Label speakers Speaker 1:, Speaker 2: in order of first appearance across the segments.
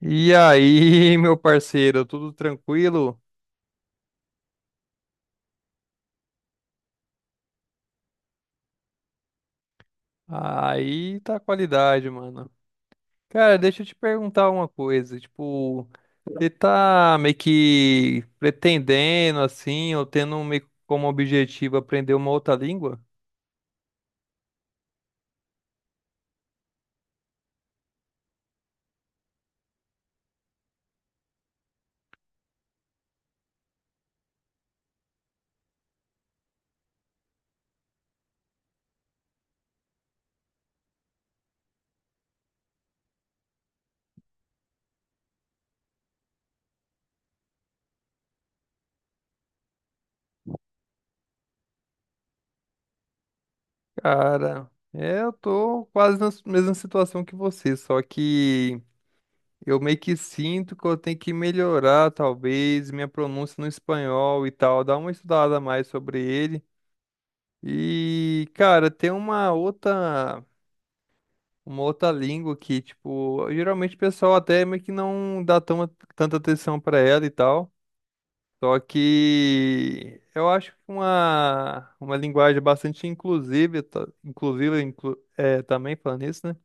Speaker 1: E aí, meu parceiro, tudo tranquilo? Aí tá a qualidade, mano. Cara, deixa eu te perguntar uma coisa, tipo, você tá meio que pretendendo assim, ou tendo meio que como objetivo aprender uma outra língua? Cara, é, eu tô quase na mesma situação que você, só que eu meio que sinto que eu tenho que melhorar, talvez, minha pronúncia no espanhol e tal, dar uma estudada a mais sobre ele. E, cara, tem uma outra língua que, tipo, geralmente o pessoal até meio que não dá tão, tanta atenção pra ela e tal. Só que eu acho que uma linguagem bastante inclusiva, é, também falando isso, né?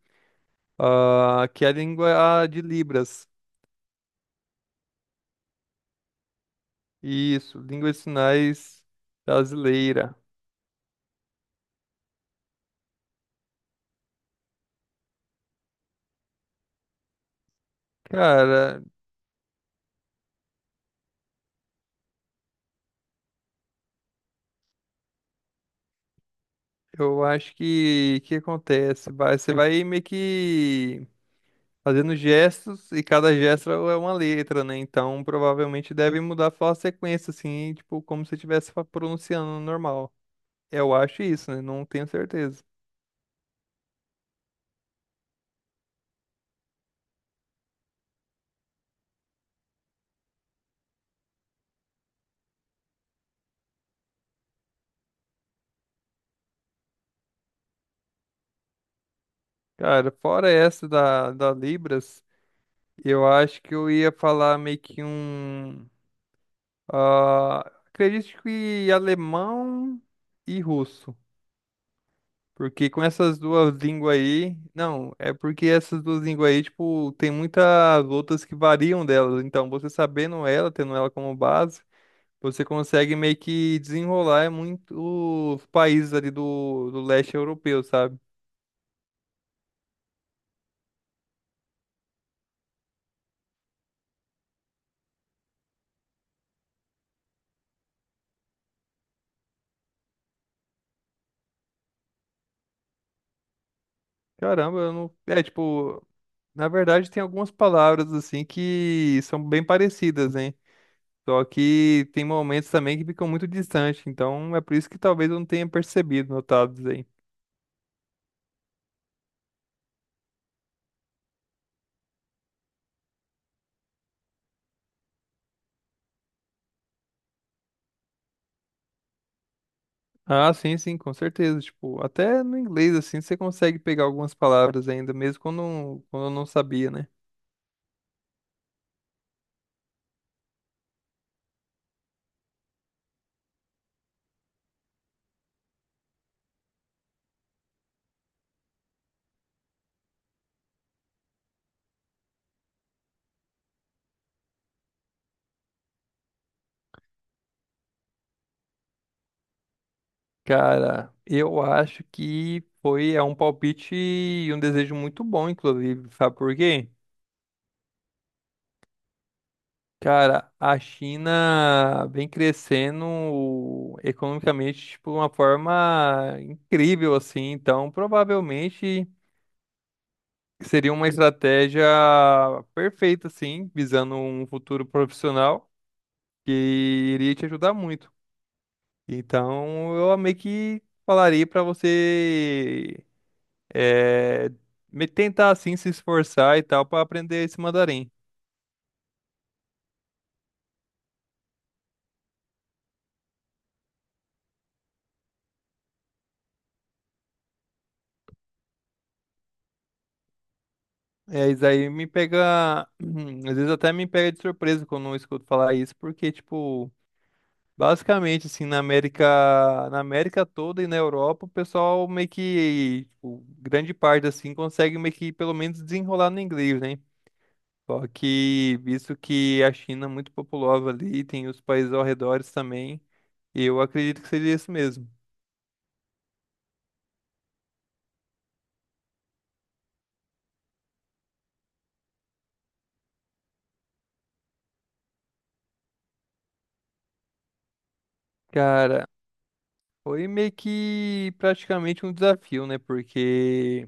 Speaker 1: Ah, que é a língua de Libras. Isso, língua de sinais brasileira. Cara, eu acho que acontece? Vai, você vai meio que fazendo gestos e cada gesto é uma letra, né? Então provavelmente deve mudar só a sequência, assim, tipo, como se estivesse pronunciando normal. Eu acho isso, né? Não tenho certeza. Cara, fora essa da, da Libras, eu acho que eu ia falar meio que um. ah, Acredito que alemão e russo. Porque com essas duas línguas aí. Não, é porque essas duas línguas aí, tipo, tem muitas outras que variam delas. Então, você sabendo ela, tendo ela como base, você consegue meio que desenrolar muitos países ali do, do leste europeu, sabe? Caramba, eu não. É, tipo. Na verdade, tem algumas palavras assim que são bem parecidas, hein? Só que tem momentos também que ficam muito distantes. Então, é por isso que talvez eu não tenha percebido, notado. Ah, sim, sim, com certeza. Tipo, até no inglês, assim, você consegue pegar algumas palavras ainda, mesmo quando, quando eu não sabia, né? Cara, eu acho que foi é um palpite e um desejo muito bom, inclusive. Sabe por quê? Cara, a China vem crescendo economicamente, tipo, de uma forma incrível, assim. Então, provavelmente seria uma estratégia perfeita, assim, visando um futuro profissional, que iria te ajudar muito. Então, eu meio que falaria para você é, me tentar assim se esforçar e tal para aprender esse mandarim. É, isso aí me pega, às vezes até me pega de surpresa quando eu escuto falar isso, porque tipo, basicamente assim, na América toda e na Europa, o pessoal meio que, tipo, grande parte assim consegue meio que pelo menos desenrolar no inglês, né? Só que, visto que a China é muito populosa ali, tem os países ao redor também, eu acredito que seria isso mesmo. Cara, foi meio que praticamente um desafio, né? Porque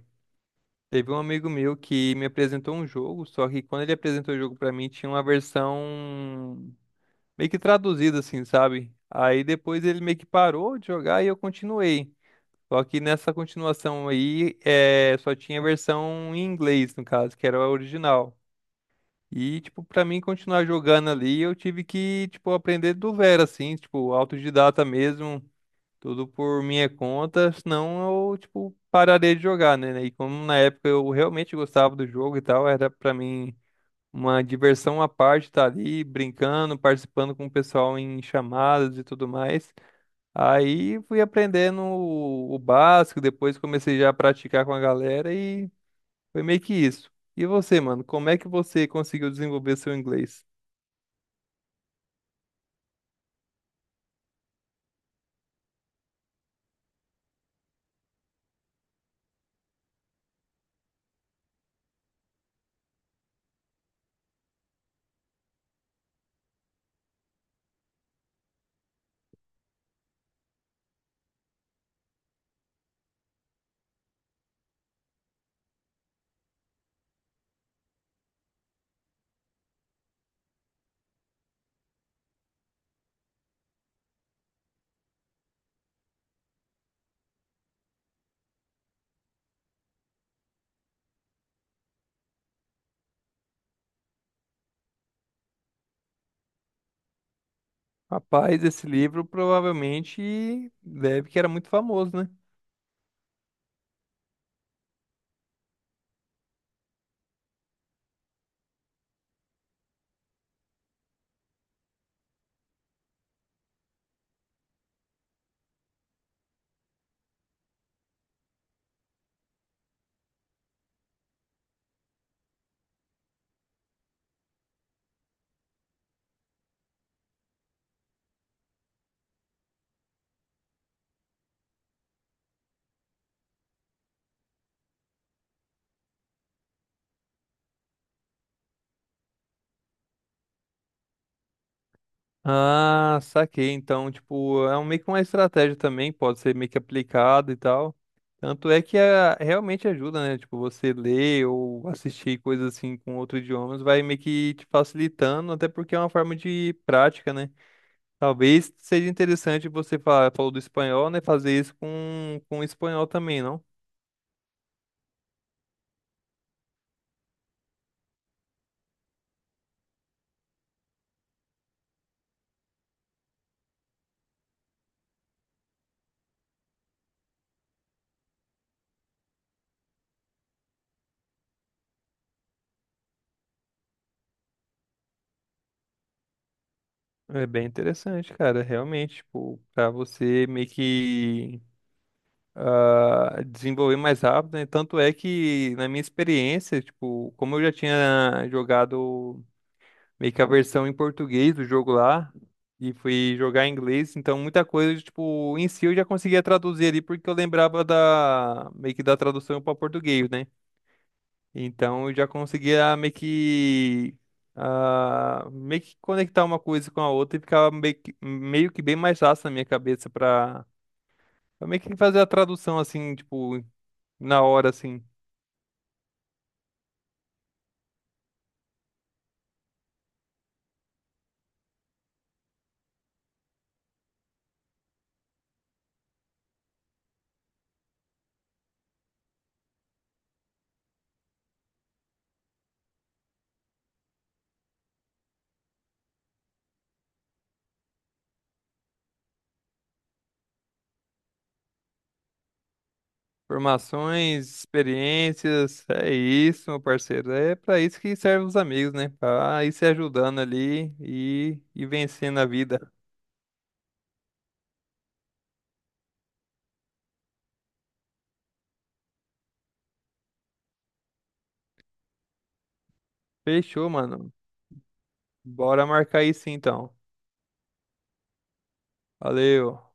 Speaker 1: teve um amigo meu que me apresentou um jogo, só que quando ele apresentou o jogo pra mim, tinha uma versão meio que traduzida, assim, sabe? Aí depois ele meio que parou de jogar e eu continuei. Só que nessa continuação aí, é, só tinha a versão em inglês, no caso, que era a original. E, tipo, pra mim continuar jogando ali, eu tive que, tipo, aprender do zero, assim, tipo, autodidata mesmo, tudo por minha conta, senão eu, tipo, pararia de jogar, né? E como na época eu realmente gostava do jogo e tal, era pra mim uma diversão à parte estar ali brincando, participando com o pessoal em chamadas e tudo mais. Aí fui aprendendo o básico, depois comecei já a praticar com a galera e foi meio que isso. E você, mano, como é que você conseguiu desenvolver seu inglês? Rapaz, esse livro provavelmente deve que era muito famoso, né? Ah, saquei. Então, tipo, é meio que uma estratégia também, pode ser meio que aplicado e tal. Tanto é que ah, realmente ajuda, né? Tipo, você ler ou assistir coisas assim com outros idiomas vai meio que te facilitando, até porque é uma forma de prática, né? Talvez seja interessante você falar, falou do espanhol, né? Fazer isso com o espanhol também, não? É bem interessante, cara. Realmente, tipo, pra você meio que ah, desenvolver mais rápido, né? Tanto é que, na minha experiência, tipo, como eu já tinha jogado meio que a versão em português do jogo lá, e fui jogar em inglês, então muita coisa, tipo, em si eu já conseguia traduzir ali, porque eu lembrava da, meio que da tradução para português, né? Então eu já conseguia meio que ah, meio que conectar uma coisa com a outra e ficava meio que bem mais fácil na minha cabeça pra meio que fazer a tradução assim, tipo, na hora assim. Formações, experiências, é isso, meu parceiro. É pra isso que servem os amigos, né? Pra ir se ajudando ali e vencendo a vida. Fechou, mano. Bora marcar isso então. Valeu.